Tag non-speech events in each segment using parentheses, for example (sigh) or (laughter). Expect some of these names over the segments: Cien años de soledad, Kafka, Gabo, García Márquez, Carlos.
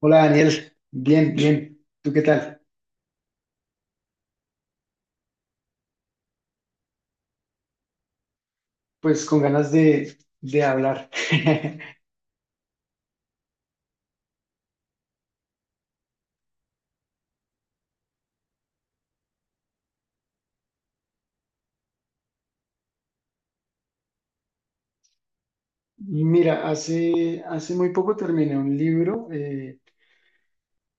Hola Daniel, bien, bien. ¿Tú qué tal? Pues con ganas de hablar. (laughs) Mira, hace muy poco terminé un libro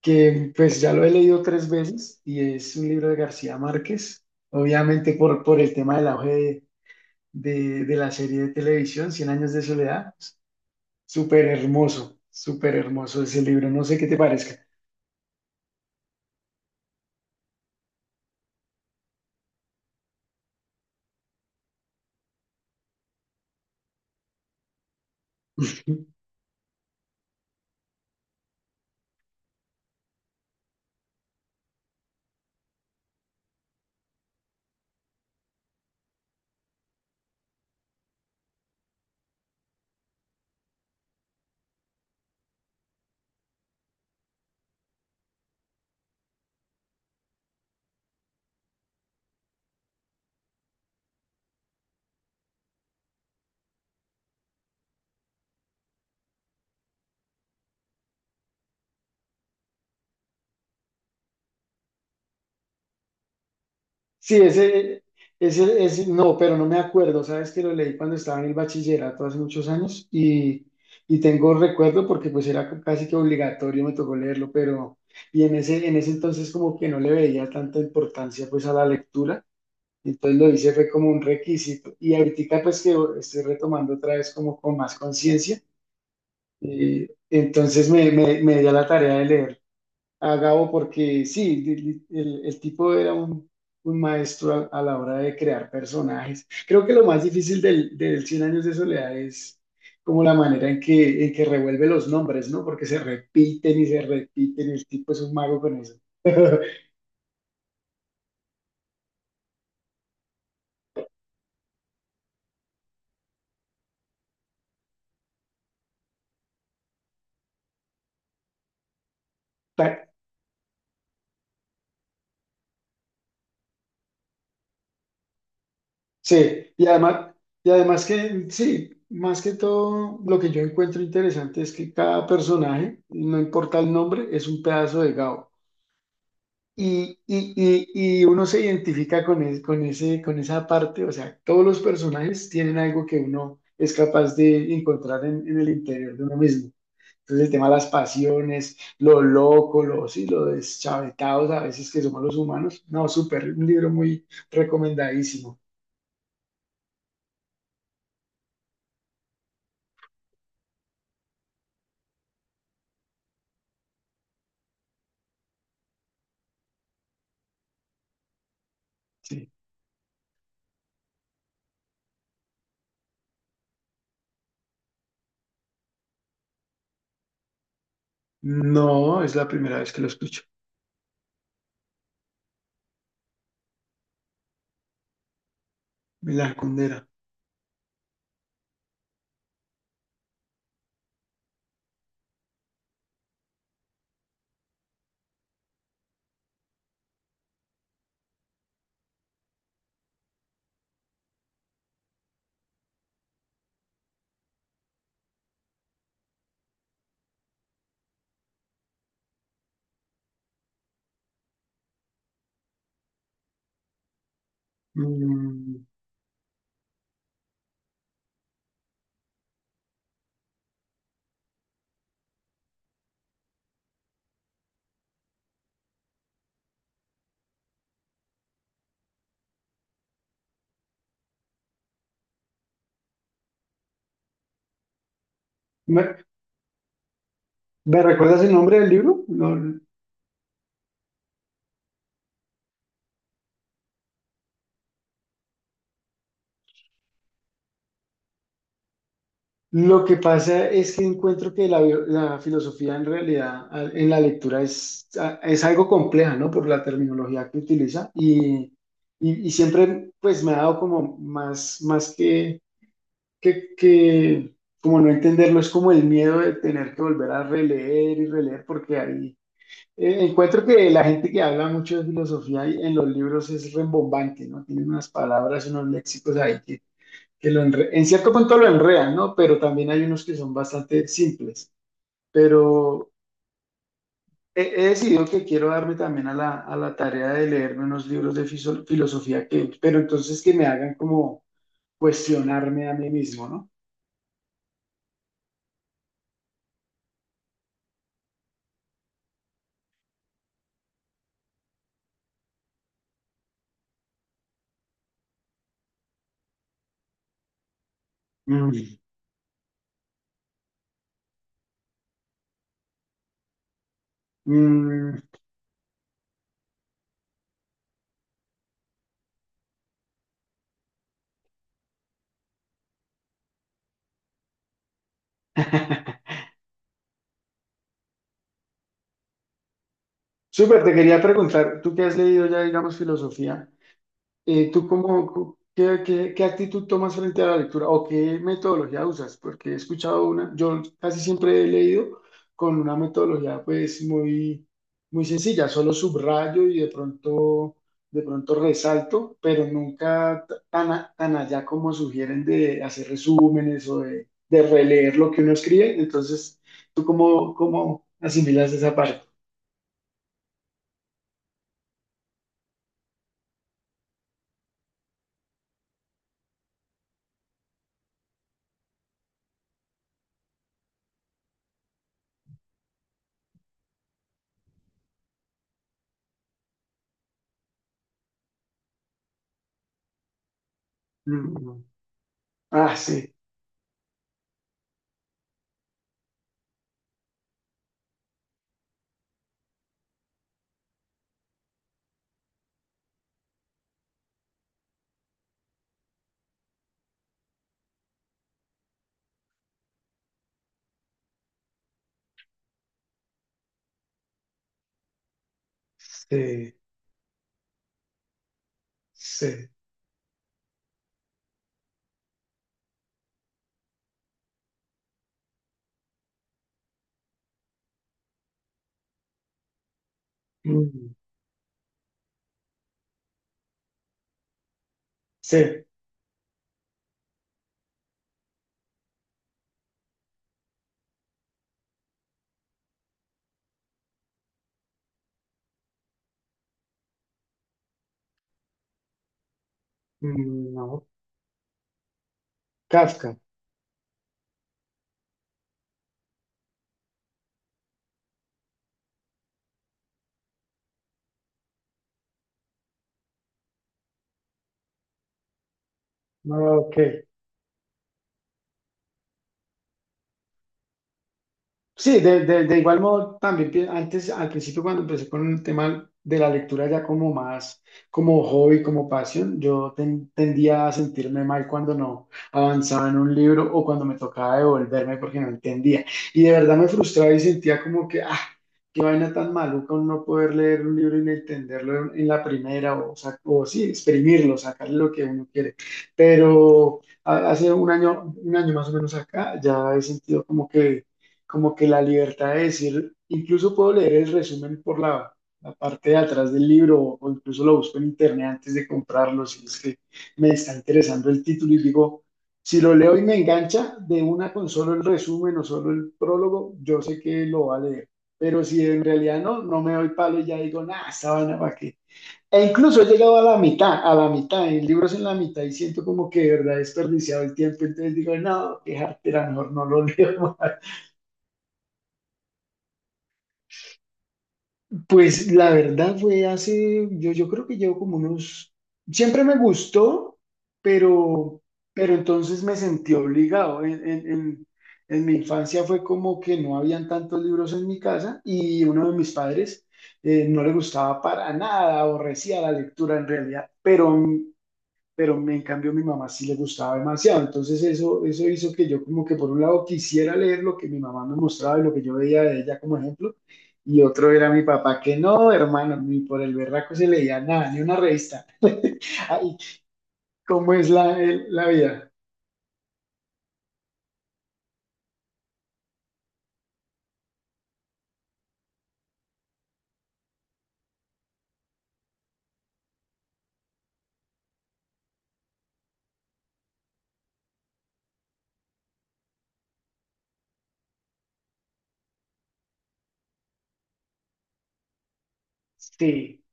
que pues ya lo he leído tres veces y es un libro de García Márquez, obviamente por el tema del auge de la serie de televisión, Cien años de soledad. Súper hermoso ese libro, no sé qué te parezca. Sí, ese, no, pero no me acuerdo. Sabes que lo leí cuando estaba en el bachillerato hace muchos años y tengo recuerdo porque pues era casi que obligatorio, me tocó leerlo, pero y en ese entonces como que no le veía tanta importancia pues a la lectura, entonces lo hice fue como un requisito y ahorita pues que estoy retomando otra vez como con más conciencia, entonces me di a la tarea de leer a Gabo porque sí, el tipo era un maestro a la hora de crear personajes. Creo que lo más difícil del Cien años de soledad es como la manera en que revuelve los nombres, ¿no? Porque se repiten y el tipo es un mago con eso. (laughs) Ta- Sí, y además, que, sí, más que todo, lo que yo encuentro interesante es que cada personaje, no importa el nombre, es un pedazo de Gabo. Y, y- y uno se identifica con, es- con, ese, con esa parte, o sea, todos los personajes tienen algo que uno es capaz de encontrar en el interior de uno mismo. Entonces el tema de las pasiones, lo loco, lo, sí, lo deschavetados a veces que somos los humanos. No, súper, un libro muy recomendadísimo. Sí. No, es la primera vez que lo escucho. La Condera. Mm, ¿Me, me recuerdas el nombre del libro? No. Lo que pasa es que encuentro que la filosofía en realidad en la lectura es algo compleja, ¿no? Por la terminología que utiliza y siempre pues me ha dado como más, más que como no entenderlo, es como el miedo de tener que volver a releer y releer porque ahí encuentro que la gente que habla mucho de filosofía y en los libros es rembombante, ¿no? Tienen unas palabras, unos léxicos ahí que lo en cierto punto lo enredan, ¿no? Pero también hay unos que son bastante simples. Pero he decidido que quiero darme también a la tarea de leerme unos libros de filosofía que, pero entonces que me hagan como cuestionarme a mí mismo, ¿no? Mm, mm. (laughs) Súper, te quería preguntar, tú qué has leído ya, digamos, filosofía. ¿Tú cómo, qué, qué- qué actitud tomas frente a la lectura o qué metodología usas? Porque he escuchado yo casi siempre he leído con una metodología pues muy, muy sencilla, solo subrayo y de pronto resalto, pero nunca tan allá como sugieren de hacer resúmenes o de releer lo que uno escribe. Entonces, ¿tú cómo asimilas esa parte? Mm, ah, sí, sí, sí, mm, sí. Mm, no, Kafka. Ok. Sí, de igual modo también antes, al principio cuando empecé con el tema de la lectura ya como más, como hobby, como pasión, yo tendía a sentirme mal cuando no avanzaba en un libro o cuando me tocaba devolverme porque no entendía. Y de verdad me frustraba y sentía como que, ah, qué vaina tan maluca no poder leer un libro y no entenderlo en la primera o sí, exprimirlo, sacarle lo que uno quiere. Pero hace un año más o menos acá, ya he sentido como que la libertad de decir, incluso puedo leer el resumen por la parte de atrás del libro o incluso lo busco en internet antes de comprarlo, si es que me está interesando el título y digo, si lo leo y me engancha de una con solo el resumen o solo el prólogo, yo sé que lo va a leer. Pero si en realidad no, no me doy palo y ya digo, nada, esta vaina para qué. E incluso he llegado a la mitad, en libros en la mitad y siento como que de verdad he desperdiciado el tiempo, entonces digo, no, qué jartera, mejor no lo (laughs) leo más. Pues la verdad fue hace, yo creo que llevo como unos, siempre me gustó, pero, pero entonces me sentí obligado. En mi infancia fue como que no habían tantos libros en mi casa y uno de mis padres no le gustaba para nada, aborrecía la lectura en realidad, pero en cambio mi mamá sí le gustaba demasiado. Entonces eso hizo que yo como que por un lado quisiera leer lo que mi mamá me mostraba y lo que yo veía de ella como ejemplo, y otro era mi papá que no, hermano, ni por el berraco se leía nada, ni una revista. (laughs) Ay, ¿cómo es la vida? Sí,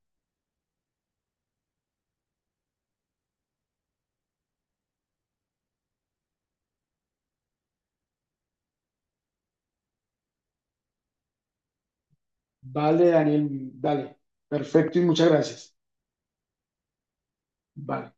vale, Daniel, vale, perfecto y muchas gracias. Vale.